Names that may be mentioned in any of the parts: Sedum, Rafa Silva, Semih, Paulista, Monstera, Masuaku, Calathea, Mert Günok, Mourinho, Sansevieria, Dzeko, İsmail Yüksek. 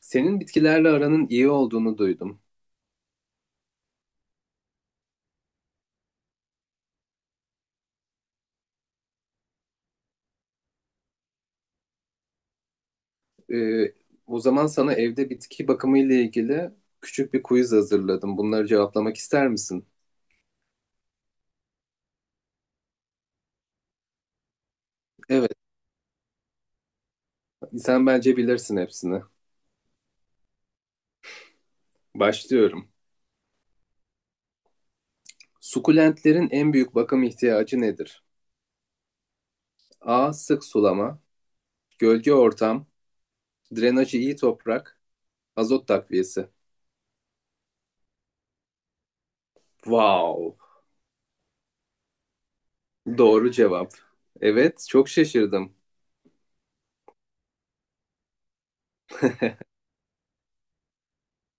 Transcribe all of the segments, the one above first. Senin bitkilerle aranın iyi olduğunu duydum. Ee, O zaman sana evde bitki bakımı ile ilgili küçük bir quiz hazırladım. Bunları cevaplamak ister misin? Evet, sen bence bilirsin hepsini. Başlıyorum. Sukulentlerin en büyük bakım ihtiyacı nedir? A. Sık sulama, gölge ortam, drenajı iyi toprak, azot takviyesi. Wow! Doğru cevap. Evet, çok şaşırdım.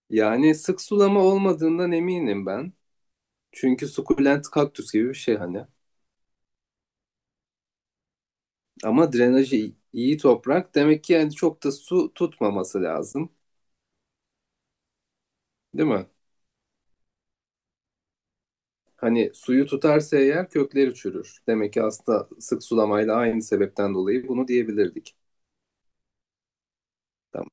Yani sık sulama olmadığından eminim ben. Çünkü sukulent kaktüs gibi bir şey hani. Ama drenajı iyi toprak demek ki yani çok da su tutmaması lazım, değil mi? Hani suyu tutarsa eğer kökleri çürür. Demek ki aslında sık sulamayla aynı sebepten dolayı bunu diyebilirdik. Tamam.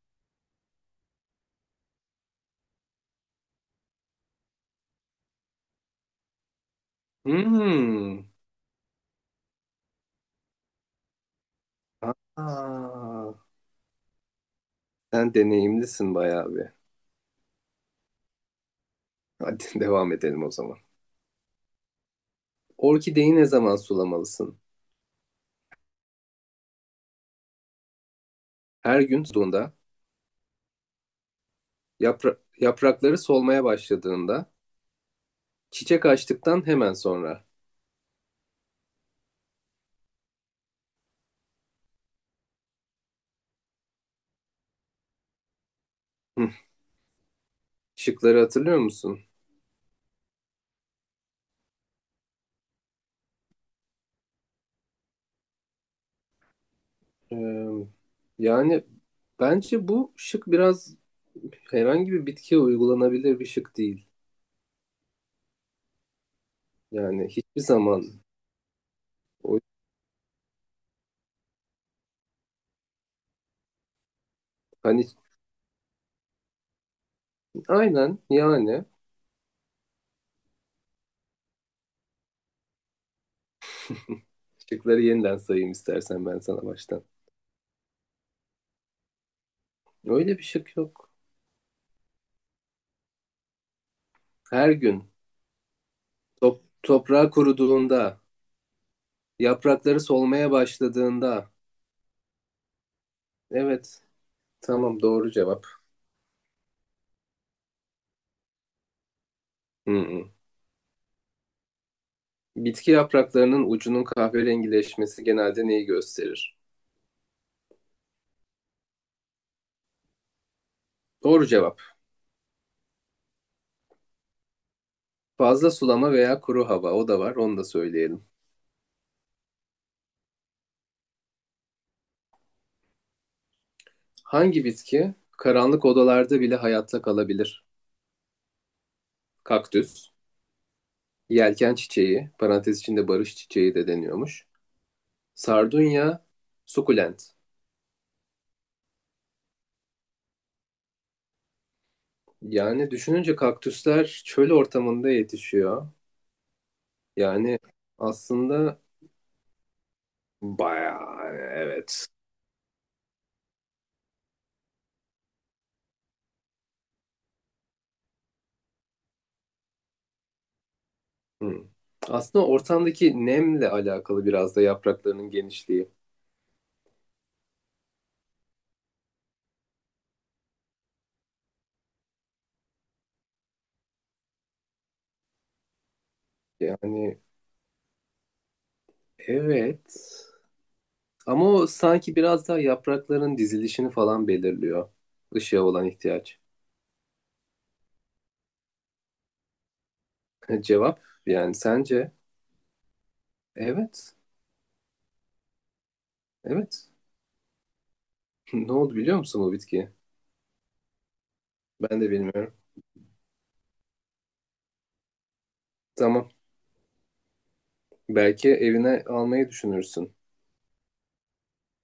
Hmm. Aa, sen deneyimlisin bayağı bir. Hadi devam edelim o zaman. Orkideyi ne zaman sulamalısın? Her gün suladuğunda, yaprakları solmaya başladığında, çiçek açtıktan hemen sonra. Hı, şıkları hatırlıyor musun? Ee, Yani bence bu şık biraz herhangi bir bitkiye uygulanabilir bir şık değil. Yani hiçbir zaman o, hani aynen yani. Şıkları yeniden sayayım istersen ben sana baştan. Öyle bir şık yok. Her gün, toprağı kuruduğunda, yaprakları solmaya başladığında. Evet, tamam, doğru cevap. Hı hı. Bitki yapraklarının ucunun kahverengileşmesi genelde neyi gösterir? Doğru cevap. Fazla sulama veya kuru hava, o da var, onu da söyleyelim. Hangi bitki karanlık odalarda bile hayatta kalabilir? Kaktüs, yelken çiçeği, parantez içinde barış çiçeği de deniyormuş. Sardunya, sukulent. Yani düşününce kaktüsler çöl ortamında yetişiyor. Yani aslında bayağı evet. Hmm. Aslında ortamdaki nemle alakalı biraz da yapraklarının genişliği. Yani evet. Ama o sanki biraz daha yaprakların dizilişini falan belirliyor. Işığa olan ihtiyaç. Cevap, yani sence? Evet. Evet. Ne oldu biliyor musun bu bitkiyi? Ben de bilmiyorum. Tamam. Belki evine almayı düşünürsün.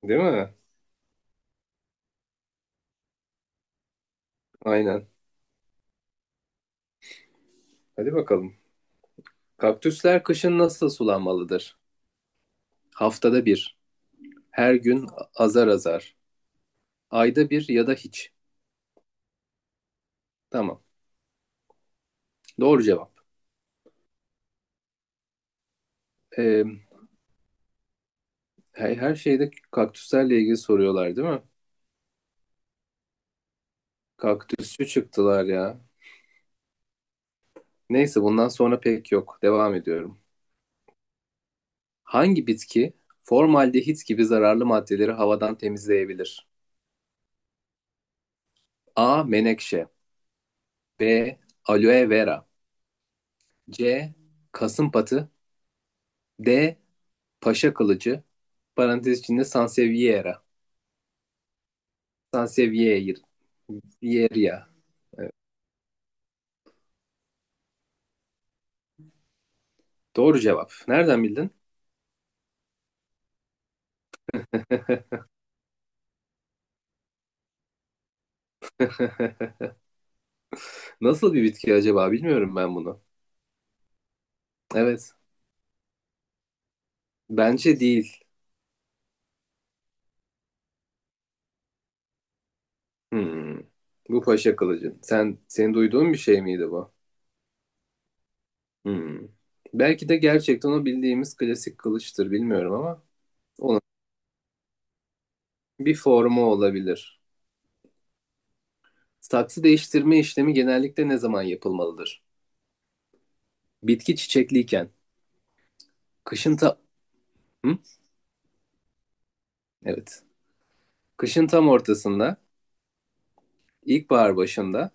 Değil mi? Aynen. Hadi bakalım. Kaktüsler kışın nasıl sulanmalıdır? Haftada bir. Her gün azar azar. Ayda bir ya da hiç. Tamam. Doğru cevap. Ee, Her şeyde kaktüslerle ilgili soruyorlar değil mi? Kaktüsçü çıktılar ya. Neyse bundan sonra pek yok. Devam ediyorum. Hangi bitki formaldehit gibi zararlı maddeleri havadan temizleyebilir? A. Menekşe. B. Aloe vera. C. Kasımpatı. D. Paşa kılıcı, parantez içinde sansevieria. Sansevieria. Doğru cevap. Nereden bildin? Nasıl bir bitki acaba, bilmiyorum ben bunu. Evet. Bence değil. Hmm. Bu paşa kılıcı. Senin duyduğun bir şey miydi bu? Hmm. Belki de gerçekten o bildiğimiz klasik kılıçtır bilmiyorum ama onun bir formu olabilir. Saksı değiştirme işlemi genellikle ne zaman yapılmalıdır? Bitki çiçekliyken, kışın ta Hı? Evet. Kışın tam ortasında, ilkbahar başında,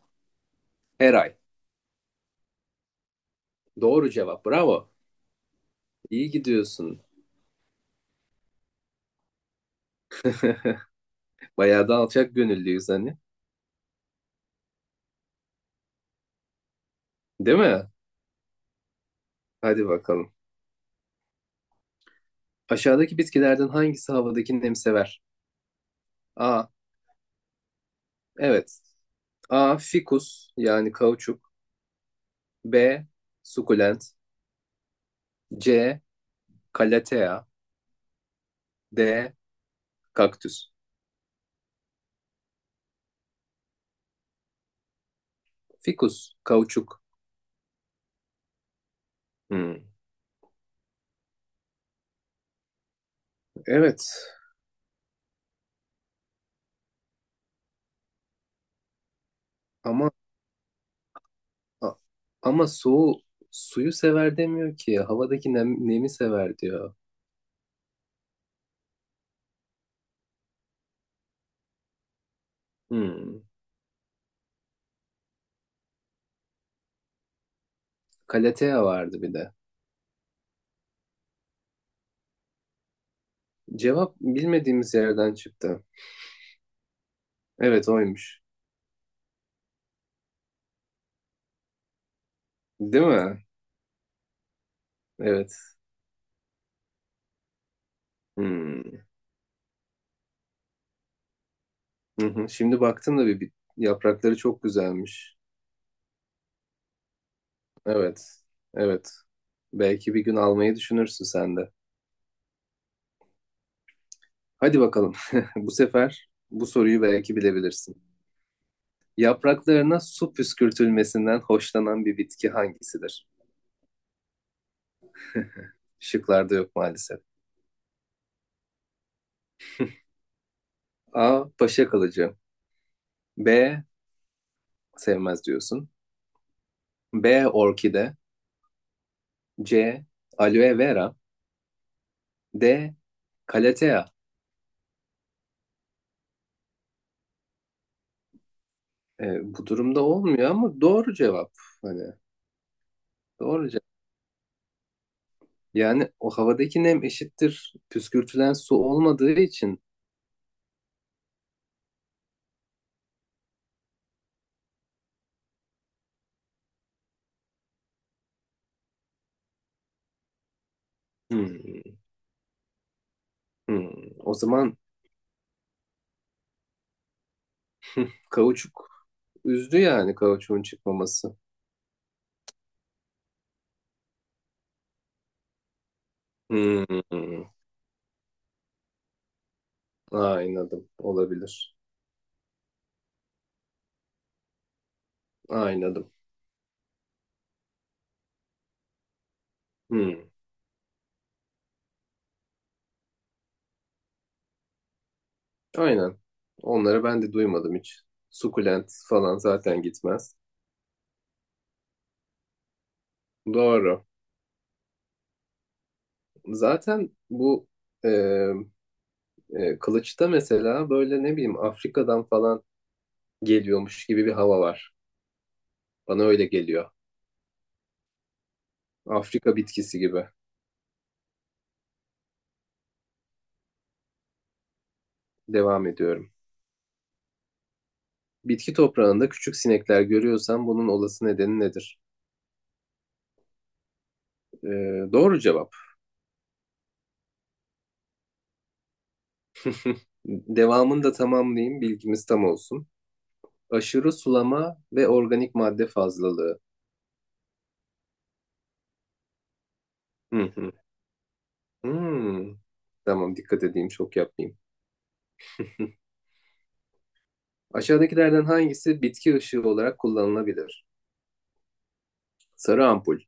her ay. Doğru cevap. Bravo. İyi gidiyorsun. Bayağı da alçak gönüllüyüz hani. Değil mi? Hadi bakalım. Aşağıdaki bitkilerden hangisi havadaki nemi sever? A. Evet. A. Fikus, yani kauçuk. B. Sukulent. C. Kalatea. D. Kaktüs. Fikus. Kauçuk. Hmm. Evet. Ama a- ama suyu sever demiyor ki. Havadaki nemi sever diyor. Hmm. Calathea vardı bir de. Cevap bilmediğimiz yerden çıktı. Evet, oymuş. Değil mi? Evet. Hmm. Hı hı. Şimdi baktım da bir yaprakları çok güzelmiş. Evet. Evet. Belki bir gün almayı düşünürsün sen de. Hadi bakalım. Bu sefer bu soruyu belki bilebilirsin. Yapraklarına su püskürtülmesinden hoşlanan bir bitki hangisidir? Şıklarda yok maalesef. A. Paşa kalıcı. B. Sevmez diyorsun. B. Orkide. C. Aloe vera. D. Kalatea. Bu durumda olmuyor ama doğru cevap. Hani doğru cevap. Yani o havadaki nem eşittir. Püskürtülen su olmadığı için. Hmm, hmm. O zaman kauçuk. Üzdü yani kauçuğun çıkmaması. Hmm. Aynadım. Olabilir. Aynadım. Hmm. Aynen. Onları ben de duymadım hiç. Sukulent falan zaten gitmez. Doğru. Zaten bu e, kılıçta mesela böyle ne bileyim Afrika'dan falan geliyormuş gibi bir hava var. Bana öyle geliyor. Afrika bitkisi gibi. Devam ediyorum. Bitki toprağında küçük sinekler görüyorsan bunun olası nedeni nedir? E, doğru cevap. Devamını da tamamlayayım, bilgimiz tam olsun. Aşırı sulama ve organik madde fazlalığı. Hı hı. Hmm. Tamam, dikkat edeyim, çok yapmayayım. Aşağıdakilerden hangisi bitki ışığı olarak kullanılabilir? Sarı ampul,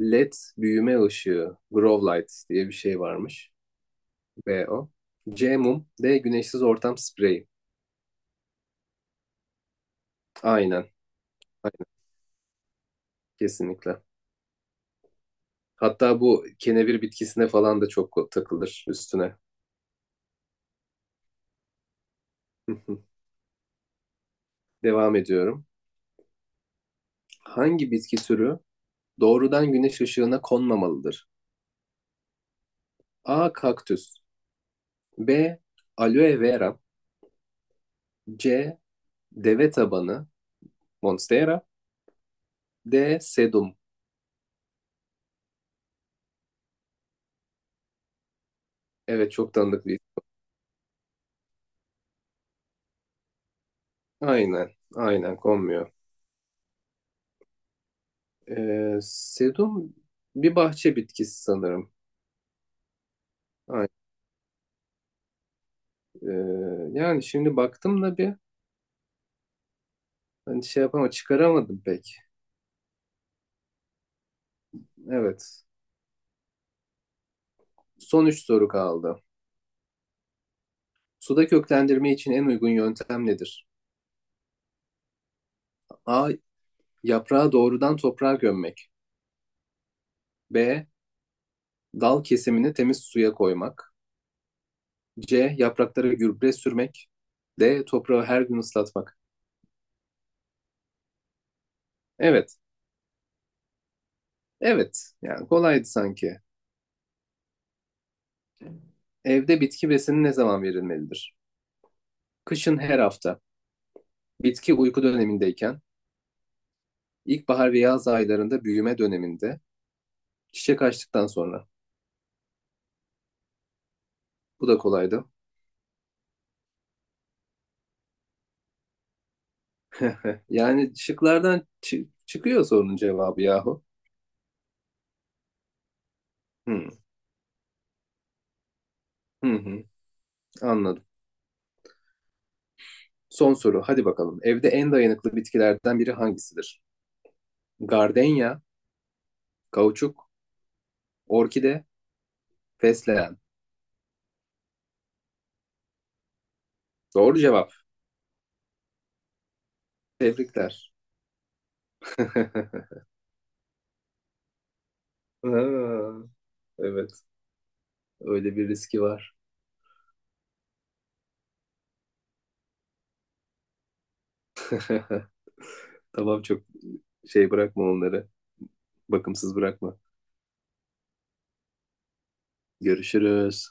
LED büyüme ışığı, grow light diye bir şey varmış. B o. C mum, D güneşsiz ortam spreyi. Aynen, aynen, kesinlikle. Hatta bu kenevir bitkisine falan da çok takılır üstüne. Devam ediyorum. Hangi bitki türü doğrudan güneş ışığına konmamalıdır? A. Kaktüs. B. Aloe vera. C. Deve tabanı, Monstera. D. Sedum. Evet, çok tanıdık bir Aynen. Aynen konmuyor. Sedum bir bahçe bitkisi sanırım. Aynen. Ee, Yani şimdi baktım da bir, hani şey yapama çıkaramadım pek. Evet. Son üç soru kaldı. Suda köklendirme için en uygun yöntem nedir? A. Yaprağı doğrudan toprağa gömmek. B. Dal kesimini temiz suya koymak. C. Yapraklara gübre sürmek. D. Toprağı her gün ıslatmak. Evet. Evet. Yani kolaydı sanki. Evde bitki besini ne zaman verilmelidir? Kışın her hafta. Bitki uyku dönemindeyken. İlkbahar ve yaz aylarında büyüme döneminde. Çiçek açtıktan sonra. Bu da kolaydı. Yani şıklardan çıkıyor sorunun cevabı yahu. Hmm, hı hı, anladım. Son soru. Hadi bakalım. Evde en dayanıklı bitkilerden biri hangisidir? Gardenya, kauçuk, orkide, fesleğen. Doğru cevap. Tebrikler. Ha, evet. Öyle bir riski var. Tamam, çok şey bırakma onları. Bakımsız bırakma. Görüşürüz.